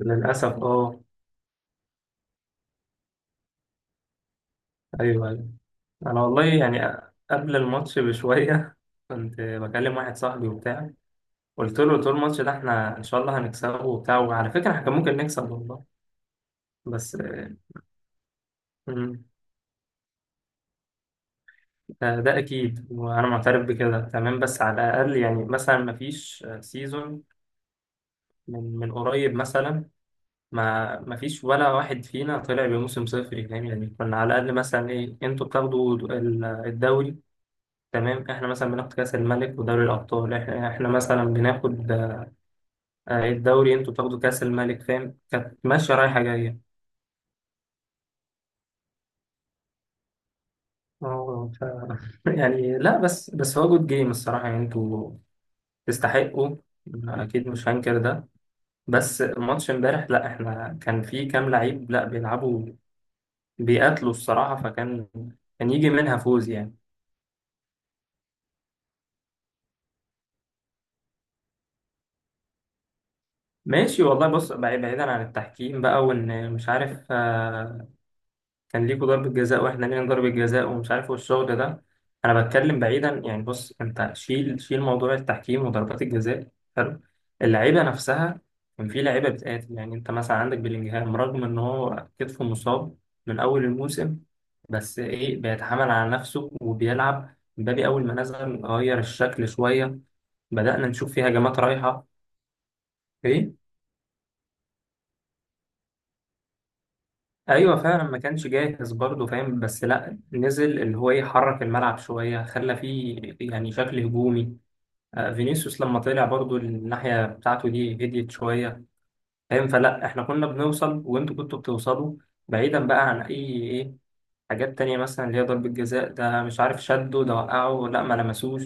للأسف اه. أيوه أيوه. أنا والله يعني قبل الماتش بشوية كنت بكلم واحد صاحبي وبتاع. قلت له طول الماتش ده احنا إن شاء الله هنكسبه وبتاع، وعلى فكرة احنا كان ممكن نكسب والله. بس مم، ده أكيد وأنا معترف بكده تمام. بس على الأقل يعني مثلا مفيش سيزون من قريب مثلا، ما مفيش ولا واحد فينا طلع بموسم صفري، فاهم؟ يعني كنا على الأقل مثلا إيه، أنتوا بتاخدوا الدوري، تمام، احنا مثلا بناخد كاس الملك ودوري الابطال، احنا مثلا بناخد الدوري، انتوا بتاخدوا كاس الملك، فاهم؟ كانت ماشيه رايحه جايه. اه ف... يعني لا، بس هو جود جيم الصراحه، يعني انتوا تستحقوا، اكيد مش هنكر ده. بس ماتش امبارح لا، احنا كان في كام لعيب لا بيلعبوا، بيقاتلوا الصراحه، فكان كان يجي منها فوز يعني. ماشي والله، بص، بعيدا عن التحكيم بقى، وان مش عارف كان ليكوا ضربة جزاء واحنا لينا ضربة جزاء ومش عارف إيه والشغل ده. انا بتكلم بعيدا يعني، بص، انت شيل موضوع التحكيم وضربات الجزاء، حلو؟ اللعيبة نفسها كان في لعيبة بتقاتل. يعني انت مثلا عندك بلينجهام، رغم ان هو كتفه مصاب من اول الموسم، بس ايه، بيتحمل على نفسه وبيلعب. مبابي اول ما نزل غير الشكل شوية، بدأنا نشوف فيه هجمات رايحة. ايه، ايوه فعلا ما كانش جاهز برضه فاهم، بس لا نزل، اللي هو يحرك الملعب شويه، خلى فيه يعني شكل هجومي. فينيسيوس لما طلع برضه، الناحيه بتاعته دي هديت شويه، فاهم؟ فلا، احنا كنا بنوصل وانتوا كنتوا بتوصلوا. بعيدا بقى عن اي ايه حاجات تانية، مثلا اللي هي ضربة جزاء ده مش عارف شده ده وقعه لا ما لمسوش،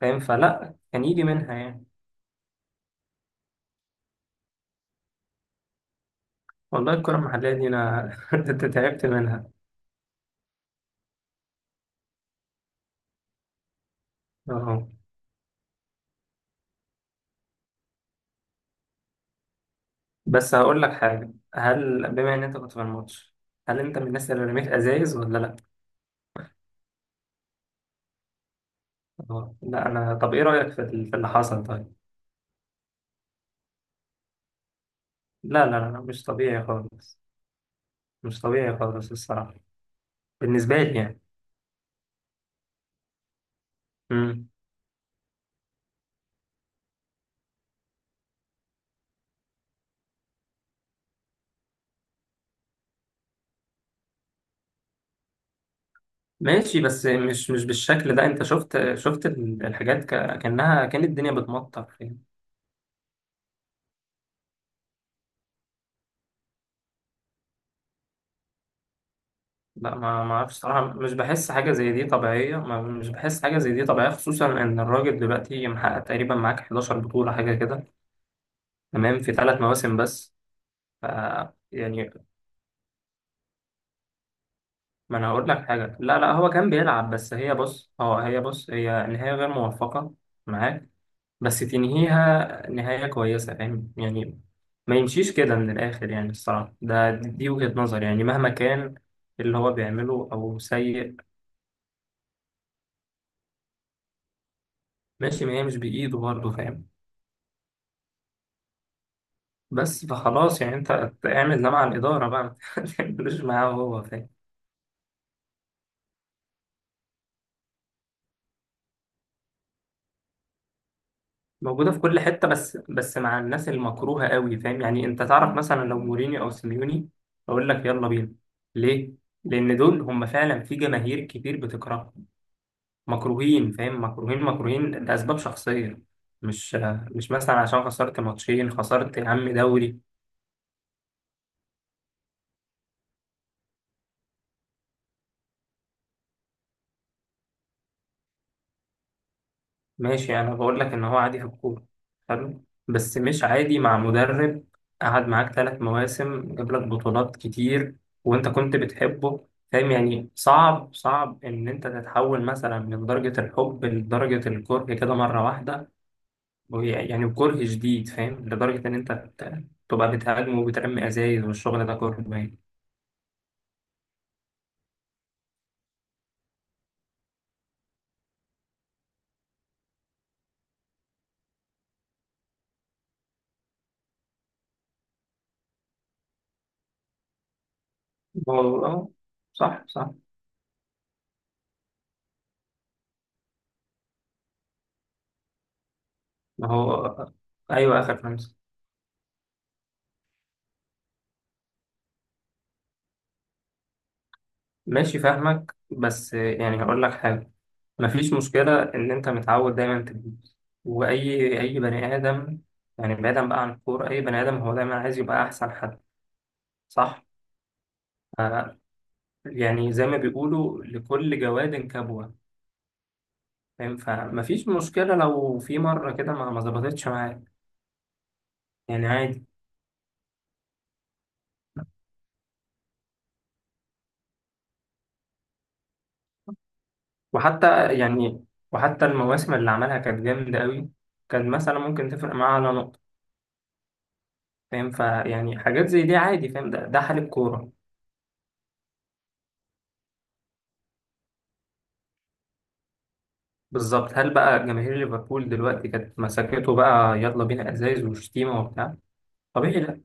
فاهم؟ فلا كان يجي منها يعني. والله الكرة المحلية دي انا تعبت منها. اه، بس هقول لك حاجة: هل بما إن أنت كنت في الماتش، هل أنت من الناس اللي رميت أزايز ولا لأ؟ لا، أنا طب إيه رأيك في في اللي حصل طيب؟ لا لا لا، مش طبيعي خالص، مش طبيعي خالص الصراحة، بالنسبة لي يعني. مم. ماشي بس مش بالشكل ده. أنت شفت الحاجات كأنها كان الدنيا بتمطر يعني. لا، ما أعرفش صراحة، مش بحس حاجة زي دي طبيعية، ما مش بحس حاجة زي دي طبيعية، خصوصا إن الراجل دلوقتي محقق تقريبا معاك 11 بطولة حاجة كده. تمام في 3 مواسم بس، ف يعني. ما انا هقول لك حاجه، لا هو كان بيلعب، بس هي بص اه هي بص، هي نهايه غير موفقه معاك، بس تنهيها نهايه كويسه، فاهم يعني؟ ما يمشيش كده من الاخر يعني الصراحه، ده دي وجهه نظري يعني مهما كان اللي هو بيعمله او سيء. ماشي، ما هي مش بايده برضه فاهم. بس فخلاص يعني، انت اعمل ده مع الاداره بقى ما تعملوش معاه هو، فاهم؟ موجودة في كل حتة، بس مع الناس المكروهة قوي فاهم يعني. انت تعرف مثلا لو مورينيو او سيميوني اقول لك يلا بينا، ليه؟ لان دول هم فعلا في جماهير كتير بتكرههم، مكروهين فاهم، مكروهين مكروهين لاسباب شخصية، مش مش مثلا عشان خسرت ماتشين، خسرت يا عم دوري. ماشي، يعني انا بقول لك ان هو عادي في الكوره، حلو، بس مش عادي مع مدرب قعد معاك 3 مواسم، جاب لك بطولات كتير، وانت كنت بتحبه فاهم يعني. صعب ان انت تتحول مثلا من درجة الحب لدرجة الكره كده مرة واحدة، يعني كره شديد فاهم، لدرجة ان انت تبقى بتهاجم وبترمي ازايز والشغل ده كله باين. ما هو صح صح. ما هو ايوه اخر 5. ماشي فاهمك، بس يعني هقول لك حاجة: مفيش مشكلة إن أنت متعود دايما تجيب، وأي بني آدم، يعني بعيدا بقى عن الكورة، أي بني آدم هو دايما عايز يبقى أحسن حد، صح؟ آه. يعني زي ما بيقولوا لكل جواد كبوة، فاهم؟ فمفيش مشكلة لو في مرة كده ما ظبطتش معاك يعني، عادي. وحتى يعني، وحتى المواسم اللي عملها كانت جامدة قوي، كان مثلا ممكن تفرق معاه على نقطة، فاهم؟ فيعني حاجات زي دي عادي، فاهم، ده ده حال الكورة. بالظبط، هل بقى جماهير ليفربول دلوقتي كانت مسكته بقى يلا بينا ازايز وشتيمه وبتاع؟ طبيعي لا،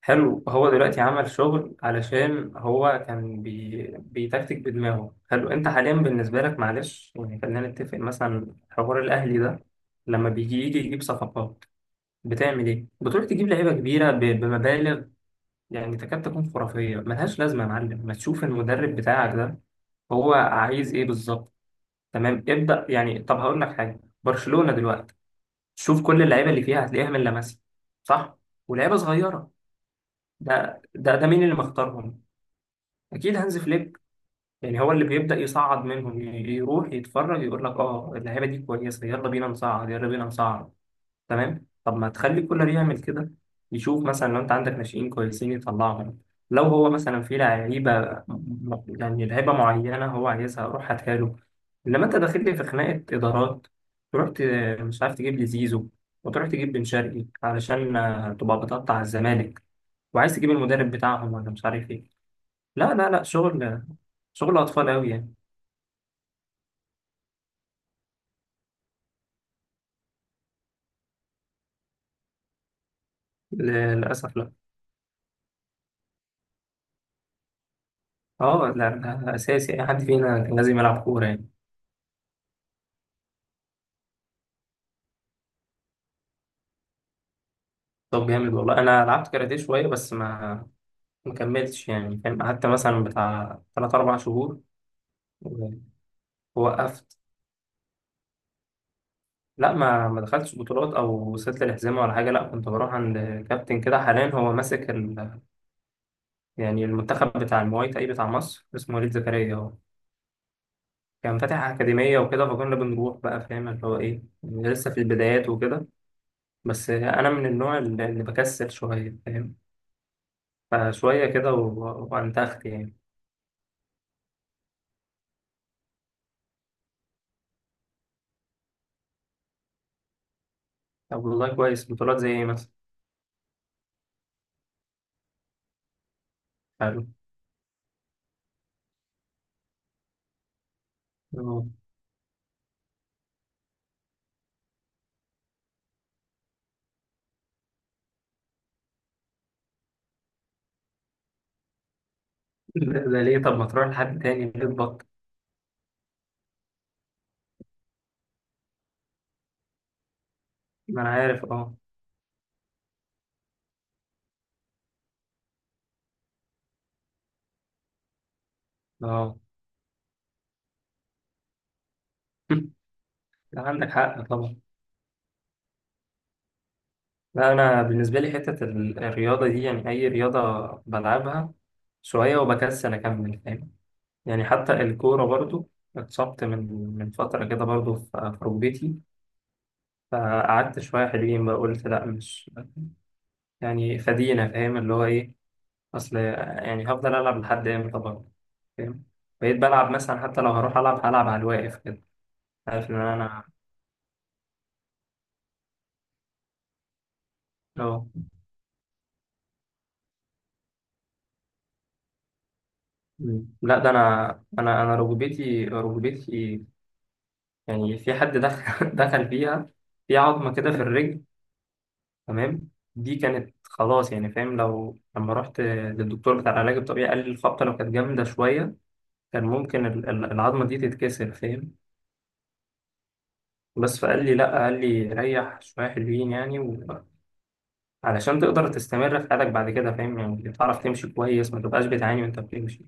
حلو. هو دلوقتي عمل شغل علشان هو كان بيتكتك بدماغه، حلو. انت حاليا بالنسبه لك معلش يعني، خلينا نتفق، مثلا حوار الاهلي ده لما بيجي يجي يجيب صفقات، بتعمل ايه؟ بتروح تجيب لعيبه كبيره بمبالغ يعني تكاد تكون خرافيه ملهاش لازمه. يا معلم، ما تشوف المدرب بتاعك ده هو عايز ايه بالظبط؟ تمام، ابدا يعني. طب هقول لك حاجه، برشلونه دلوقتي شوف كل اللعيبه اللي فيها هتلاقيها من لاماسيا، صح، ولعيبه صغيره. ده مين اللي مختارهم؟ اكيد هانز فليك، يعني هو اللي بيبدا يصعد منهم، يروح يتفرج يقول لك اه اللعيبه دي كويسه يلا بينا نصعد، يلا بينا نصعد، تمام. طب ما تخلي كولر يعمل كده، يشوف مثلا لو انت عندك ناشئين كويسين يطلعهم، لو هو مثلا في لعيبه، يعني لعيبه معينه هو عايزها، روح هاتها له. انما انت داخل لي في خناقه ادارات، تروح مش عارف تجيب لي زيزو، وتروح تجيب بن شرقي علشان تبقى بتقطع الزمالك، وعايز تجيب المدرب بتاعهم ولا مش عارف ايه. لا لا لا، شغل شغل اطفال قوي يعني. للاسف لا. اه لا، ده اساسي، اي حد فينا كان لازم يلعب كوره يعني. طب جامد والله، انا لعبت كاراتيه شويه بس ما كملتش يعني فاهم، قعدت مثلا بتاع 3 4 شهور ووقفت. لا، ما دخلتش بطولات او وصلت للحزمه ولا حاجه. لا كنت بروح عند كابتن كده، حاليا هو ماسك يعني المنتخب بتاع المواي تاي بتاع مصر، اسمه وليد زكريا. هو كان فاتح اكاديميه وكده، فكنا بنروح بقى، فاهم؟ اللي هو ايه يعني لسه في البدايات وكده. بس انا من النوع اللي بكسل شويه فاهم، فشويه كده وانتخت يعني. طب والله كويس، بطولات زي ايه مثلا؟ اه. ده ليه؟ طب ما تروح لحد تاني، ليه تبطل؟ ما انا عارف، اه اه. لا عندك حق طبعا. لا انا بالنسبه لي حته الرياضه دي، يعني اي رياضه بلعبها شويه وبكسل اكمل، فاهم؟ يعني حتى الكوره برضو، اتصبت من فتره كده برضو في ركبتي، فقعدت شويه حلوين بقى قلت لا مش يعني فدينا، فاهم؟ اللي هو ايه، اصل يعني هفضل العب لحد امتى برضه، فاهم؟ بقيت بلعب مثلا حتى لو هروح العب هلعب على الواقف كده. عارف ان انا اه. مم. لا ده انا، انا ركبتي يعني في حد دخل دخل فيها في عظمه كده في الرجل، تمام. دي كانت خلاص يعني فاهم. لو لما رحت للدكتور بتاع العلاج الطبيعي قال لي الخبطه لو كانت جامده شويه كان ممكن العظمه دي تتكسر فاهم. بس فقال لي لا، قال لي ريح شويه حلوين يعني علشان تقدر تستمر في حياتك بعد كده، فاهم يعني تعرف تمشي كويس، ما تبقاش بتعاني وانت بتمشي.